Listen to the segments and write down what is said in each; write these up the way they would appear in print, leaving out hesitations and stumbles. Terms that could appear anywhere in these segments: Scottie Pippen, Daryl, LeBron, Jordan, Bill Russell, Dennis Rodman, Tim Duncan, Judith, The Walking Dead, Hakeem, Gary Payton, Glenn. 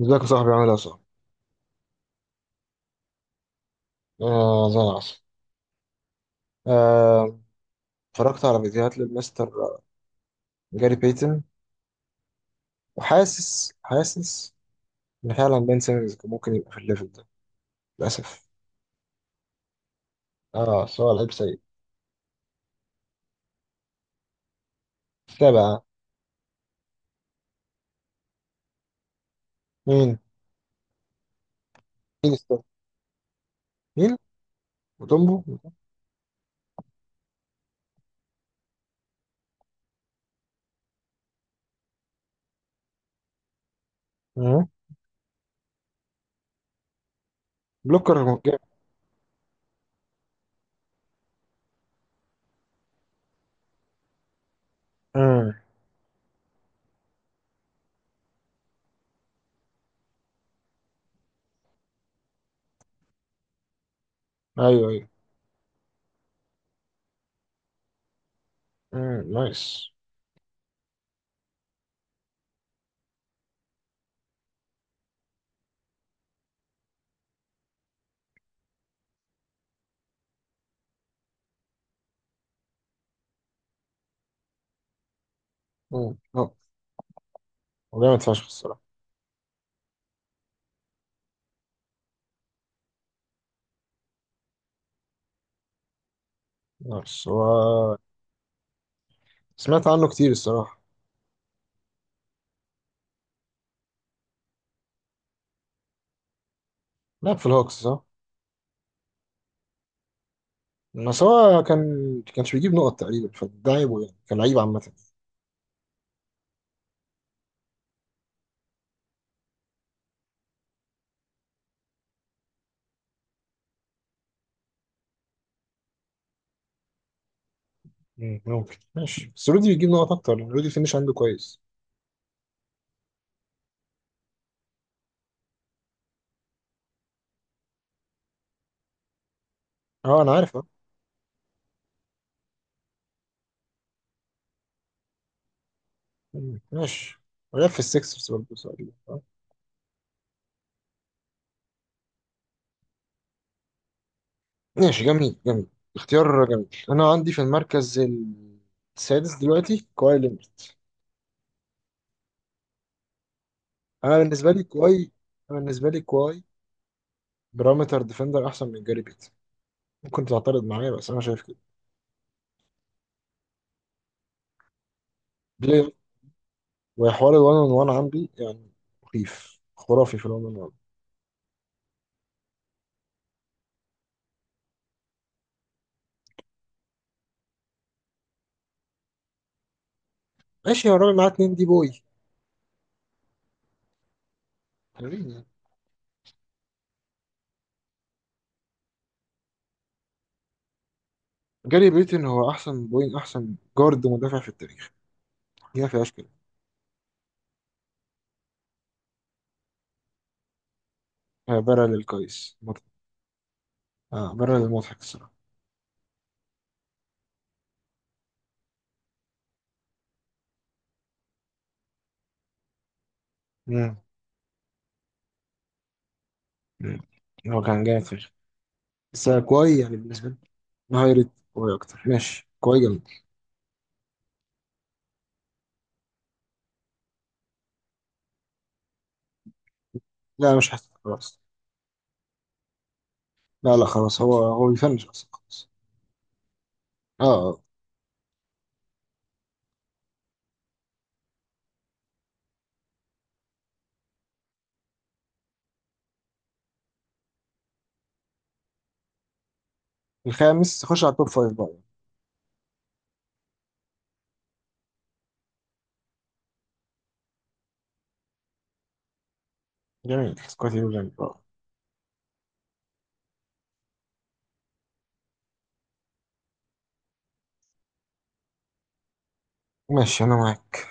ازيك يا صاحبي؟ عامل ايه يا صاحبي؟ آه، زي العسل. آه، اتفرجت على فيديوهات للمستر جاري بيتن. وحاسس ان فعلا بين سيمنز كان ممكن يبقى في الليفل ده، للاسف. اه، سؤال لعيب سيء. تابع. مين؟ مين؟ استنى. مين؟ وتومبو؟ مم. بلوكر جامد. مم. ايوه، ايوه. مم. نايس. مم. هو جامد فشخ الصراحه. نايس. هو سمعت عنه كتير الصراحه. لعب في الهوكس صح؟ بس هو كانش بيجيب نقط تقريبا، فده عيبه يعني، كان لعيب عامة. ممكن، ماشي. بس رودي بيجيب نقط اكتر، رودي الفينش عنده كويس. اه، انا عارف، اه. ماشي. ولعب في السكسرز برضه تقريبا، آه. ماشي، جميل جميل، اختيار جميل. انا عندي في المركز السادس دلوقتي كواي لينارد. انا بالنسبه لي كواي انا بالنسبه لي كواي بارامتر ديفندر احسن من جاري بيت. ممكن تعترض معايا بس انا شايف كده. بلاي وحوار الوان اون وان عندي، يعني مخيف، خرافي في الوان اون وان. ماشي يا راجل، معاه 2 دي بوي. جاري بيتن هو احسن جارد مدافع في التاريخ. ما فيهاش كده. آه، برا للقيس مضحك. اه، برا للمضحك الصراحه. مم. مم. هو كان جامد فشخ. بس كوي، يعني بالنسبه لي هاي ريت كوي اكتر، ماشي كوي جامد. لا، مش حاسس خلاص. لا لا، خلاص، هو بيفنش اصلا خلاص. اه، آه. الخامس. خش على التوب فايف بقى. جميل، سكوتي بيبرن، آه. ماشي، انا معاك.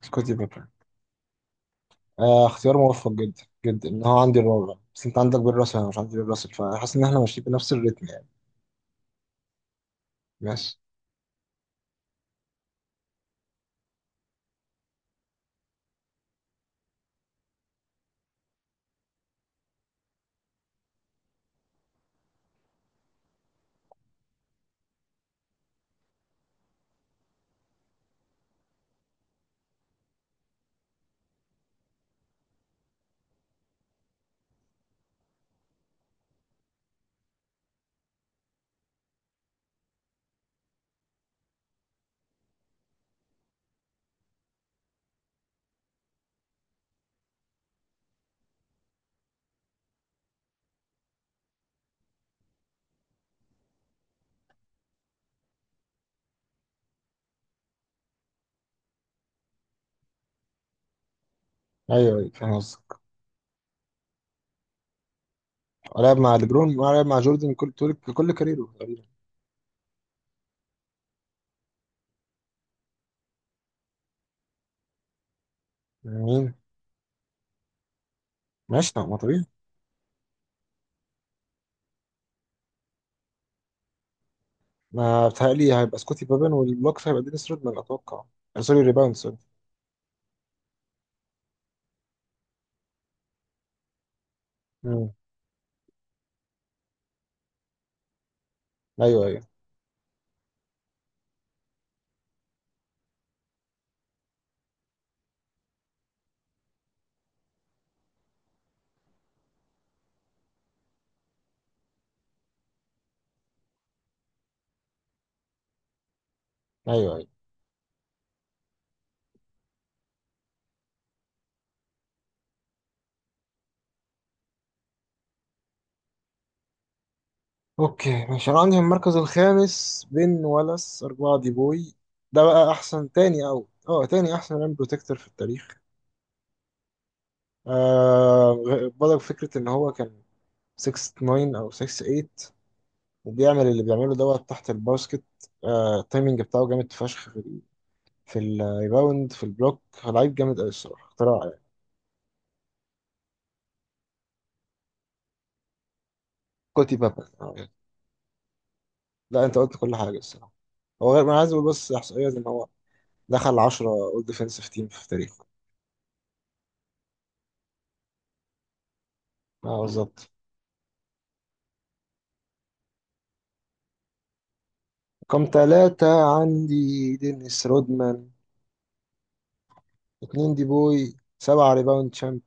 سكوتي بيبرن، آه، اختيار موفق جدا جدا. ان هو عندي الرابع، بس انت عندك بيل راسل، انا مش عندي بيل راسل، فحاسس ان احنا ماشيين بنفس الريتم يعني. بس، ايوه ايوه، فاهم قصدك. لعب مع ليبرون ولعب مع جوردن كل كاريره تقريبا. مين؟ ماشي، طب ما طبيعي. ما بتهيألي هيبقى سكوتي بابن، والبلوكس هيبقى دينيس رودمان اتوقع. آه، سوري ريباوند، سوري. مم. ايوه ايوه ايوه ايوه. اوكي ماشي، انا عندي في المركز الخامس بن ولاس، 4 دي بوي. ده بقى احسن تاني او اه تاني احسن ريم بروتكتور في التاريخ. بدأ فكرة ان هو كان 6 9 او 6 8 وبيعمل اللي بيعمله دوت تحت الباسكت. آه، التايمنج بتاعه جامد فشخ في الريباوند، في البلوك، هو لعيب جامد قوي الصراحه، اختراع يعني. كوتي بابا، آه. لا، انت قلت كل حاجه الصراحه. هو غير، انا عايز اقول بس احصائيه ان هو دخل 10 اول ديفensive تيم في تاريخه. اه، بالظبط. رقم ثلاثة، عندي دينيس رودمان، 2 دي بوي، 7 ريباوند شامب.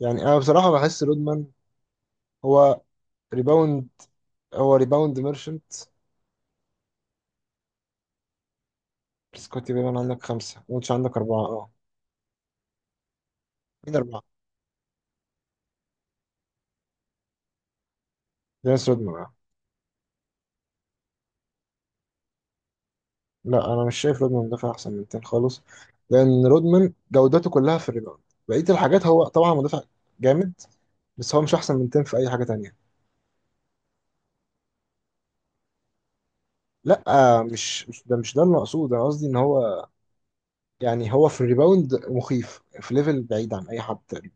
يعني انا بصراحة بحس رودمان هو ريباوند هو ريباوند ميرشنت. بس كوتي بيبان عندك خمسة وانتش عندك أربعة، اه. مين أربعة؟ جايس رودمان، آه. لا، انا مش شايف رودمان مدافع احسن من تين خالص. لان رودمان جودته كلها في الريباوند، بقيه الحاجات هو طبعا مدافع جامد، بس هو مش احسن من تين في اي حاجه تانية. لا. آه، مش ده، مش ده اللي مقصود. انا قصدي ان هو، يعني هو في الريباوند مخيف، في ليفل بعيد عن اي حد تاني.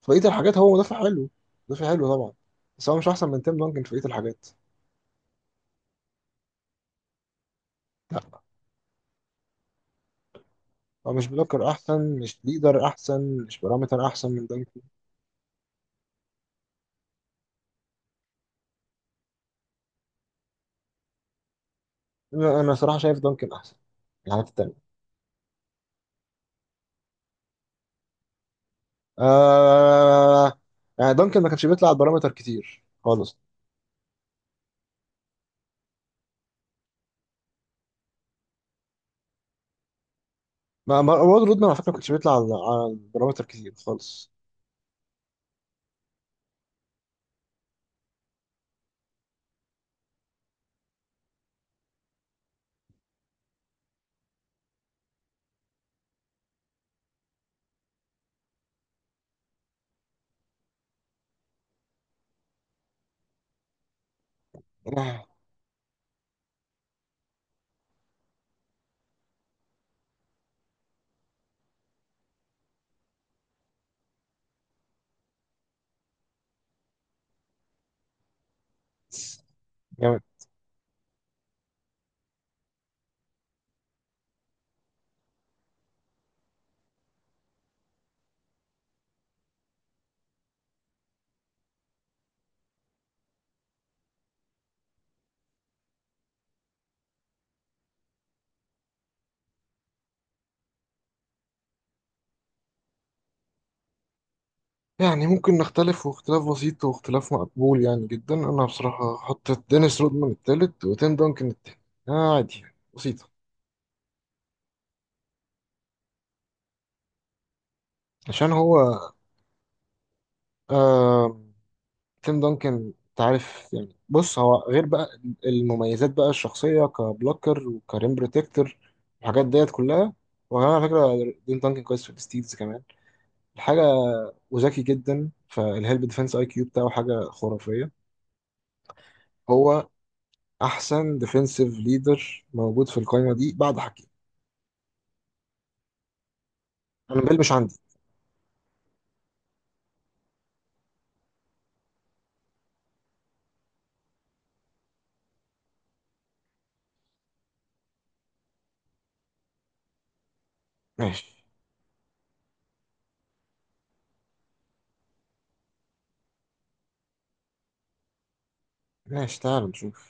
في بقيه الحاجات هو مدافع حلو، مدافع حلو طبعا، بس هو مش احسن من تيم دانكن في بقيه الحاجات. لا، هو مش بلوكر احسن، مش ليدر احسن، مش بارامتر احسن من دانكن. انا صراحه شايف دانكن احسن، يعني. آه، يعني دانكن ما كانش بيطلع على البارامتر كتير خالص. وارد رودمان على فكره ما كانش بيطلع على على البارامتر كتير خالص. آه، جامد. يعني ممكن نختلف، واختلاف بسيط، واختلاف مقبول يعني جدا. انا بصراحه حطيت دينيس رودمان التالت وتيم دانكن التاني. آه، عادي يعني، بسيطه. عشان هو، آه، تيم دانكن تعرف يعني، بص هو غير بقى المميزات بقى الشخصية كبلوكر وكريم بروتكتور، الحاجات ديت كلها. وكمان على فكرة، تيم دانكن كويس في الستيلز كمان، الحاجة. وذكي جدا، فالهيلب ديفense اي كيو بتاعه حاجة خرافية. هو أحسن ديفنسيف ليدر موجود في القايمة دي بعد حكيم. أنا بيل مش عندي. ماشي ماشي، تعال نشوف.